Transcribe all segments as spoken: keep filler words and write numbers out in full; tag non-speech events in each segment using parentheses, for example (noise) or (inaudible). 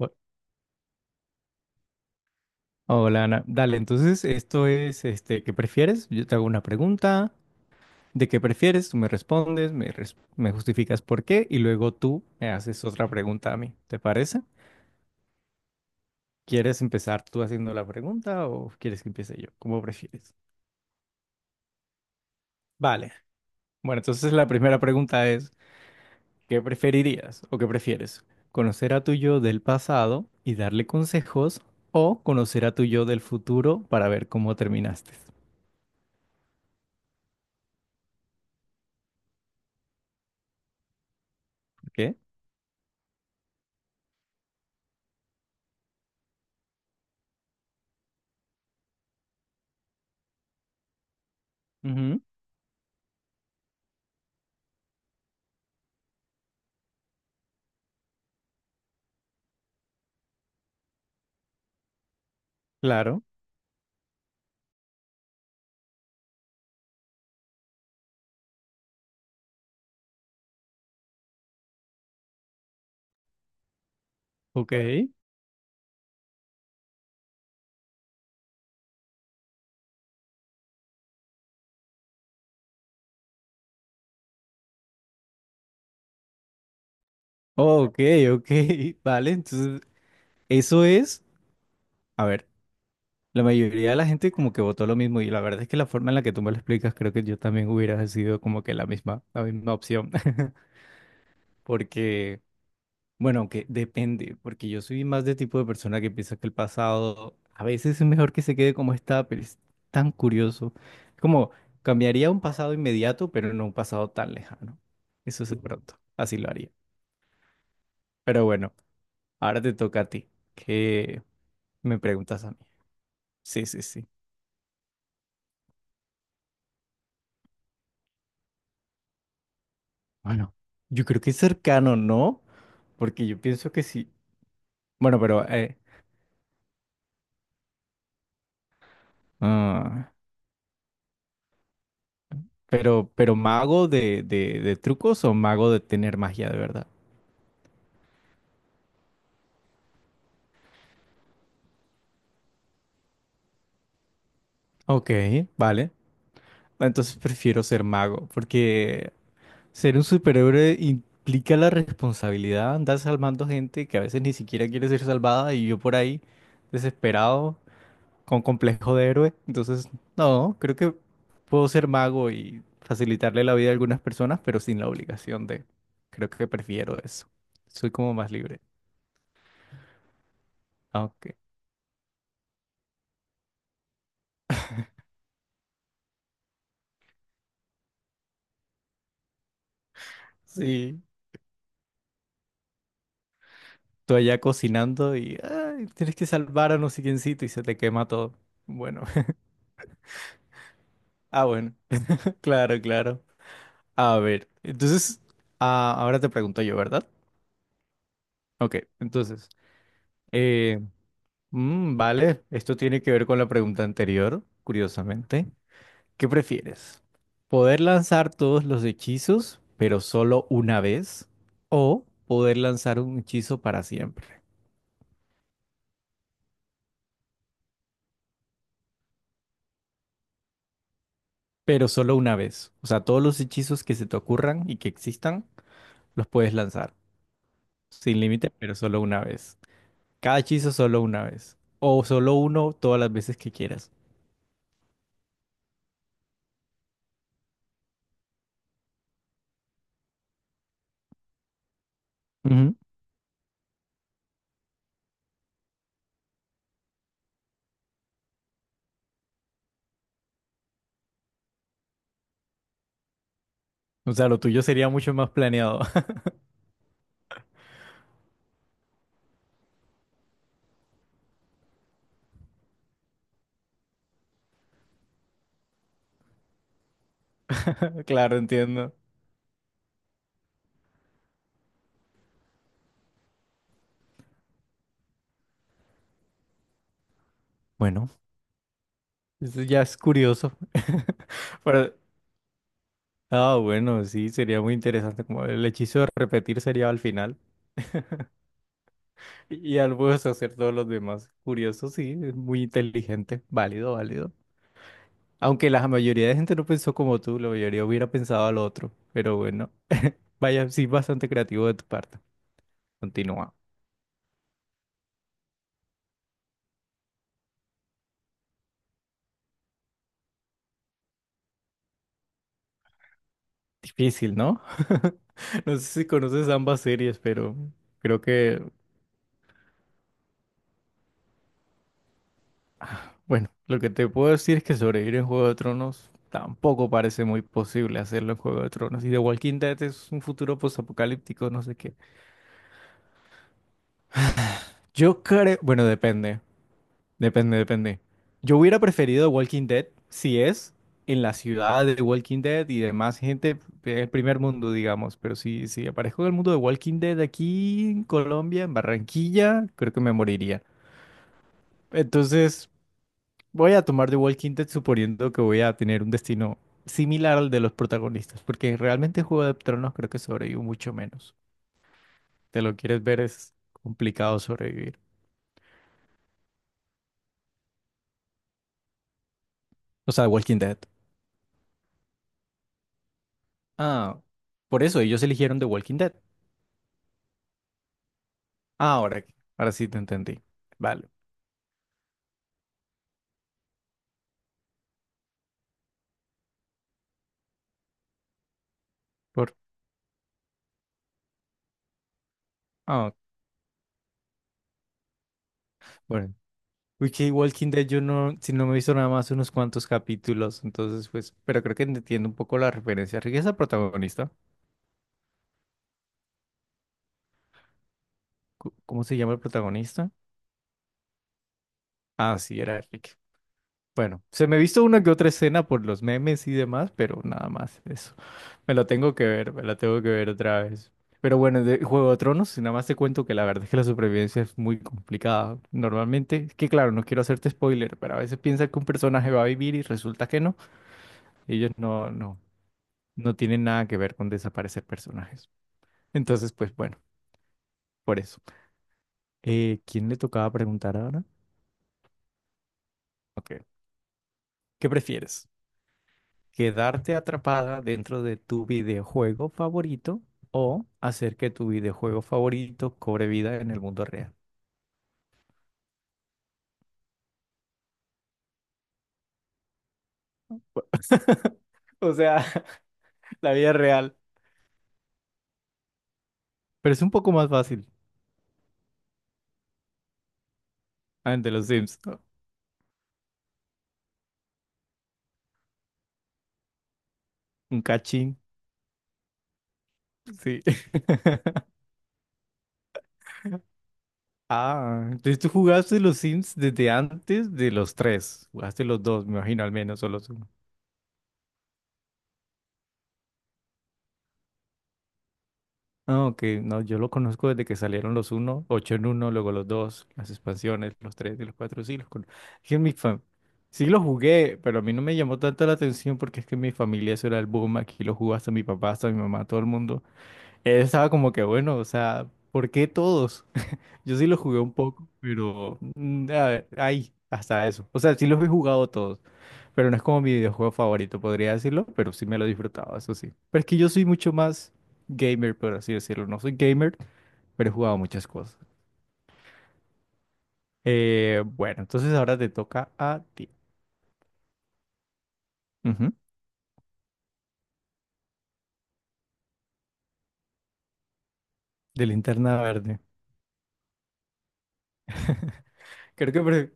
Bu- Hola Ana, dale, entonces esto es, este, ¿qué prefieres? Yo te hago una pregunta, ¿de qué prefieres? Tú me respondes, me, res- me justificas por qué y luego tú me haces otra pregunta a mí, ¿te parece? ¿Quieres empezar tú haciendo la pregunta o quieres que empiece yo? ¿Cómo prefieres? Vale, bueno, entonces la primera pregunta es, ¿qué preferirías o qué prefieres? ¿Conocer a tu yo del pasado y darle consejos o conocer a tu yo del futuro para ver cómo terminaste? ¿Qué? Ujú. Claro. Ok, ok, ok, (laughs) vale, entonces eso es, a ver, la mayoría de la gente como que votó lo mismo y la verdad es que la forma en la que tú me lo explicas creo que yo también hubiera decidido como que la misma, la misma opción. (laughs) Porque, bueno, aunque depende, porque yo soy más de tipo de persona que piensa que el pasado a veces es mejor que se quede como está, pero es tan curioso, como cambiaría un pasado inmediato, pero no un pasado tan lejano, eso es de pronto, así lo haría, pero bueno, ahora te toca a ti. ¿Qué, Me preguntas a mí. Sí, sí, sí. Bueno, yo creo que es cercano, ¿no? Porque yo pienso que sí. Bueno, pero, eh, ah, pero, pero mago de, de, de trucos o mago de tener magia de verdad. Ok, vale. Entonces prefiero ser mago, porque ser un superhéroe implica la responsabilidad, andar salvando gente que a veces ni siquiera quiere ser salvada y yo por ahí desesperado con complejo de héroe. Entonces, no, creo que puedo ser mago y facilitarle la vida a algunas personas, pero sin la obligación de. Creo que prefiero eso. Soy como más libre. Aunque sí, tú allá cocinando y ay, tienes que salvar a no sé quiéncito y se te quema todo. Bueno, (laughs) ah, bueno, (laughs) claro, claro. A ver, entonces, ah, ahora te pregunto yo, ¿verdad? Ok, entonces, eh, mm, vale, esto tiene que ver con la pregunta anterior, curiosamente. ¿Qué prefieres? ¿Poder lanzar todos los hechizos, pero solo una vez? ¿O poder lanzar un hechizo para siempre, pero solo una vez? O sea, todos los hechizos que se te ocurran y que existan, los puedes lanzar. Sin límite, pero solo una vez. Cada hechizo solo una vez. O solo uno todas las veces que quieras. Ujú. O sea, lo tuyo sería mucho más planeado. (laughs) Claro, entiendo. Bueno, eso ya es curioso. (laughs) Pero Ah, bueno, sí, sería muy interesante. Como el hechizo de repetir sería al final y al puedes hacer todos los demás. Curioso, sí, es muy inteligente, válido, válido. Aunque la mayoría de gente no pensó como tú, la mayoría hubiera pensado al otro. Pero bueno, vaya, sí, bastante creativo de tu parte. Continúa. Difícil, ¿no? (laughs) No sé si conoces ambas series, pero creo que bueno, lo que te puedo decir es que sobrevivir en Juego de Tronos tampoco parece muy posible hacerlo en Juego de Tronos. Y The Walking Dead es un futuro postapocalíptico, no sé qué. Yo creo, bueno, depende, depende, depende. Yo hubiera preferido The Walking Dead si es en la ciudad de The Walking Dead y demás gente del primer mundo, digamos. Pero si, si aparezco en el mundo de Walking Dead aquí en Colombia, en Barranquilla, creo que me moriría. Entonces. Voy a tomar The Walking Dead suponiendo que voy a tener un destino similar al de los protagonistas, porque realmente Juego de Tronos creo que sobrevivo mucho menos. Te lo quieres ver, es complicado sobrevivir. O sea, The Walking Dead. Ah, por eso ellos eligieron The Walking Dead. Ah, ahora, ahora sí te entendí. Vale. Por, ah, ok, bueno. Wiki Walking Dead yo no, si no me he visto nada más unos cuantos capítulos, entonces pues, pero creo que entiendo un poco la referencia. Rick es el protagonista. Cu- ¿Cómo se llama el protagonista? Ah, sí, era Rick. Bueno, se me ha visto una que otra escena por los memes y demás, pero nada más eso. Me la tengo que ver, me la tengo que ver otra vez. Pero bueno, de Juego de Tronos, si nada más te cuento que la verdad es que la supervivencia es muy complicada. Normalmente, es que claro, no quiero hacerte spoiler, pero a veces piensas que un personaje va a vivir y resulta que no. Ellos no, no, no tienen nada que ver con desaparecer personajes. Entonces, pues bueno, por eso. Eh, ¿quién le tocaba preguntar ahora? Ok, ¿qué prefieres? Quedarte atrapada dentro de tu videojuego favorito o hacer que tu videojuego favorito cobre vida en el mundo real. (laughs) O sea, (laughs) la vida real. Pero es un poco más fácil. Ah, de los Sims. Un cachín. Sí. (laughs) Ah, entonces tú jugaste los Sims desde antes de los tres. Jugaste los dos, me imagino, al menos, o los Ah, ok, no, yo lo conozco desde que salieron los uno, ocho en uno, luego los dos, las expansiones, los tres, y los cuatro sí, los conozco. Es que en mi fam- Sí, los jugué, pero a mí no me llamó tanto la atención porque es que en mi familia eso era el boom, aquí lo jugó hasta mi papá, hasta mi mamá, todo el mundo. Estaba como que bueno, o sea, ¿por qué todos? (laughs) Yo sí lo jugué un poco, pero mm, a ver, ahí, hasta eso. O sea, sí los he jugado todos, pero no es como mi videojuego favorito, podría decirlo, pero sí me lo disfrutaba, eso sí. Pero es que yo soy mucho más gamer, por así decirlo. No soy gamer, pero he jugado muchas cosas. Eh, bueno, entonces ahora te toca a ti. Ujú. De linterna verde. Creo que pre-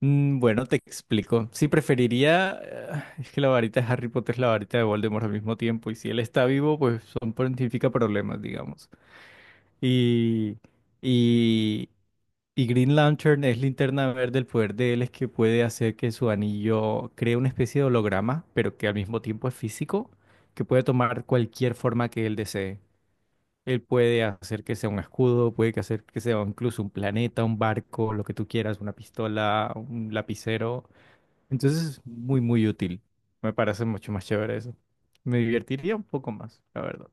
Mm, Bueno, te explico. Sí, preferiría. eh, Es que la varita de Harry Potter es la varita de Voldemort al mismo tiempo. Y si él está vivo, pues son pontifica problemas, digamos. Y, y, y Green Lantern es linterna verde. El poder de él es que puede hacer que su anillo cree una especie de holograma, pero que al mismo tiempo es físico, que puede tomar cualquier forma que él desee. Él puede hacer que sea un escudo, puede que hacer que sea incluso un planeta, un barco, lo que tú quieras, una pistola, un lapicero. Entonces es muy, muy útil. Me parece mucho más chévere eso. Me divertiría un poco más, la verdad.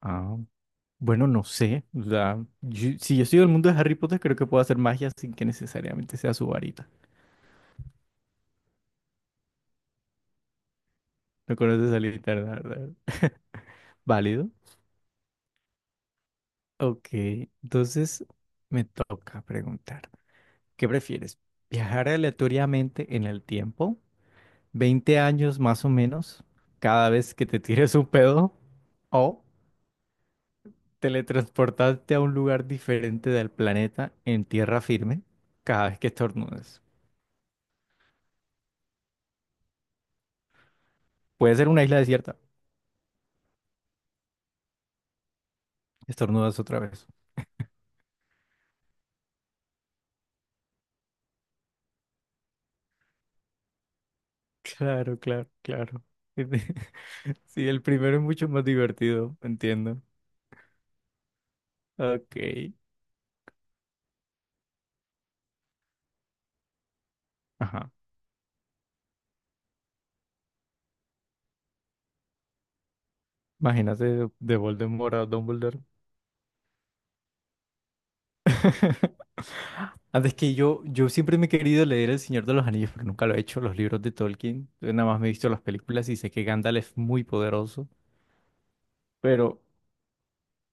Ah, bueno, no sé. O sea, yo, si yo sigo el mundo de Harry Potter, creo que puedo hacer magia sin que necesariamente sea su varita. No conoces esa varita, la verdad. (laughs) Válido. Ok, entonces me toca preguntar, ¿qué prefieres? ¿Viajar aleatoriamente en el tiempo veinte años más o menos cada vez que te tires un pedo? ¿O teletransportarte a un lugar diferente del planeta en tierra firme cada vez que estornudas? Puede ser una isla desierta. Estornudas otra vez. Claro, claro, claro. (laughs) Sí, el primero es mucho más divertido, entiendo. Ok. Ajá. Imagínate de, Voldemort a Dumbledore. (laughs) Antes que yo, yo siempre me he querido leer El Señor de los Anillos, pero nunca lo he hecho, los libros de Tolkien. Yo nada más me he visto las películas y sé que Gandalf es muy poderoso, pero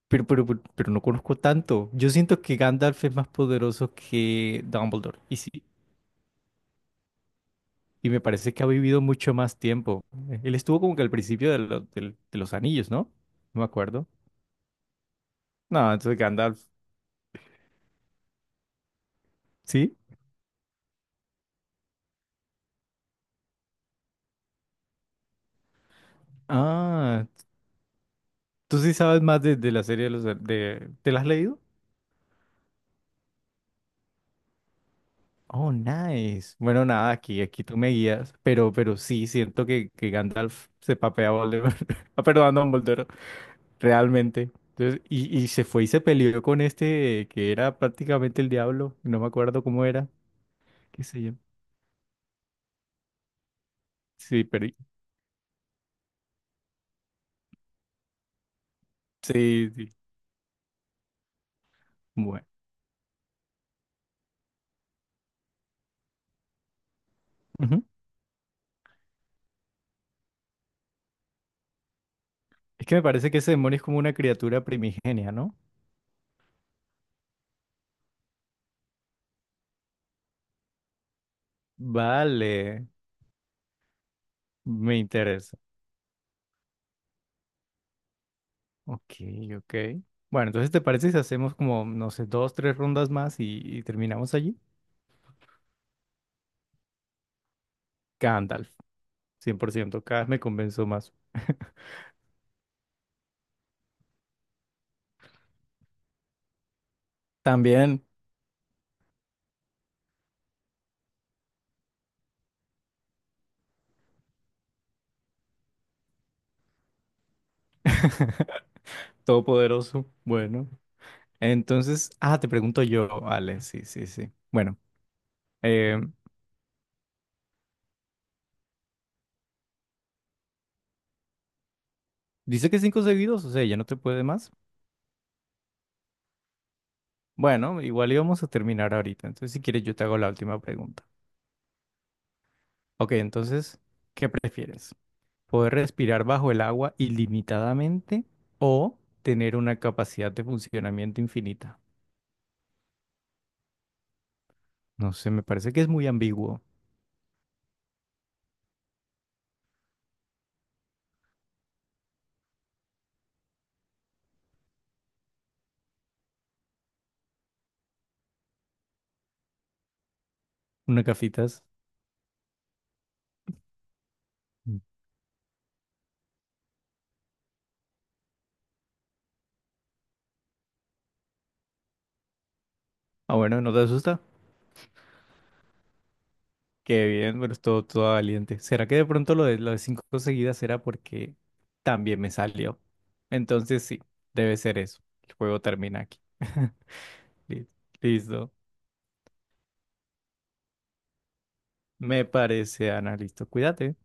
Pero, pero, pero, pero no conozco tanto. Yo siento que Gandalf es más poderoso que Dumbledore. Y sí, y me parece que ha vivido mucho más tiempo. Eh, Él estuvo como que al principio de, lo- del- de los anillos, ¿no? No me acuerdo. No, entonces Gandalf. ¿Sí? Ah, tú sí sabes más de, de la serie de los an- de, ¿te la has leído? Oh, nice. Bueno, nada, aquí, aquí tú me guías. Pero, pero sí, siento que, que Gandalf se papea a Voldemort. (laughs) Ah, perdón, a Dumbledore. Realmente. Entonces, y, y se fue y se peleó con este que era prácticamente el diablo, no me acuerdo cómo era, qué sé yo. Sí, pero sí, sí. Bueno. Ujú. Es que me parece que ese demonio es como una criatura primigenia, ¿no? Vale, me interesa. Ok, ok. Bueno, entonces ¿te parece si hacemos como, no sé, dos, tres rondas más y, y terminamos allí? Gandalf, cien por ciento cada vez me convenzo más. También, (laughs) todopoderoso, bueno. Entonces, ah, te pregunto yo, vale, sí, sí, sí. Bueno, eh, dice que cinco seguidos, o sea, ya no te puede más. Bueno, igual íbamos a terminar ahorita, entonces si quieres yo te hago la última pregunta. Ok, entonces, ¿qué prefieres? ¿Poder respirar bajo el agua ilimitadamente o tener una capacidad de funcionamiento infinita? No sé, me parece que es muy ambiguo. Una cafitas. Mm. Ah, bueno, ¿no te asusta? Qué bien, pero estuvo todo valiente. ¿Será que de pronto lo de, lo de cinco seguidas era porque también me salió? Entonces sí, debe ser eso. El juego termina aquí. (laughs) Li- Listo. Me parece, Ana. Listo. Cuídate.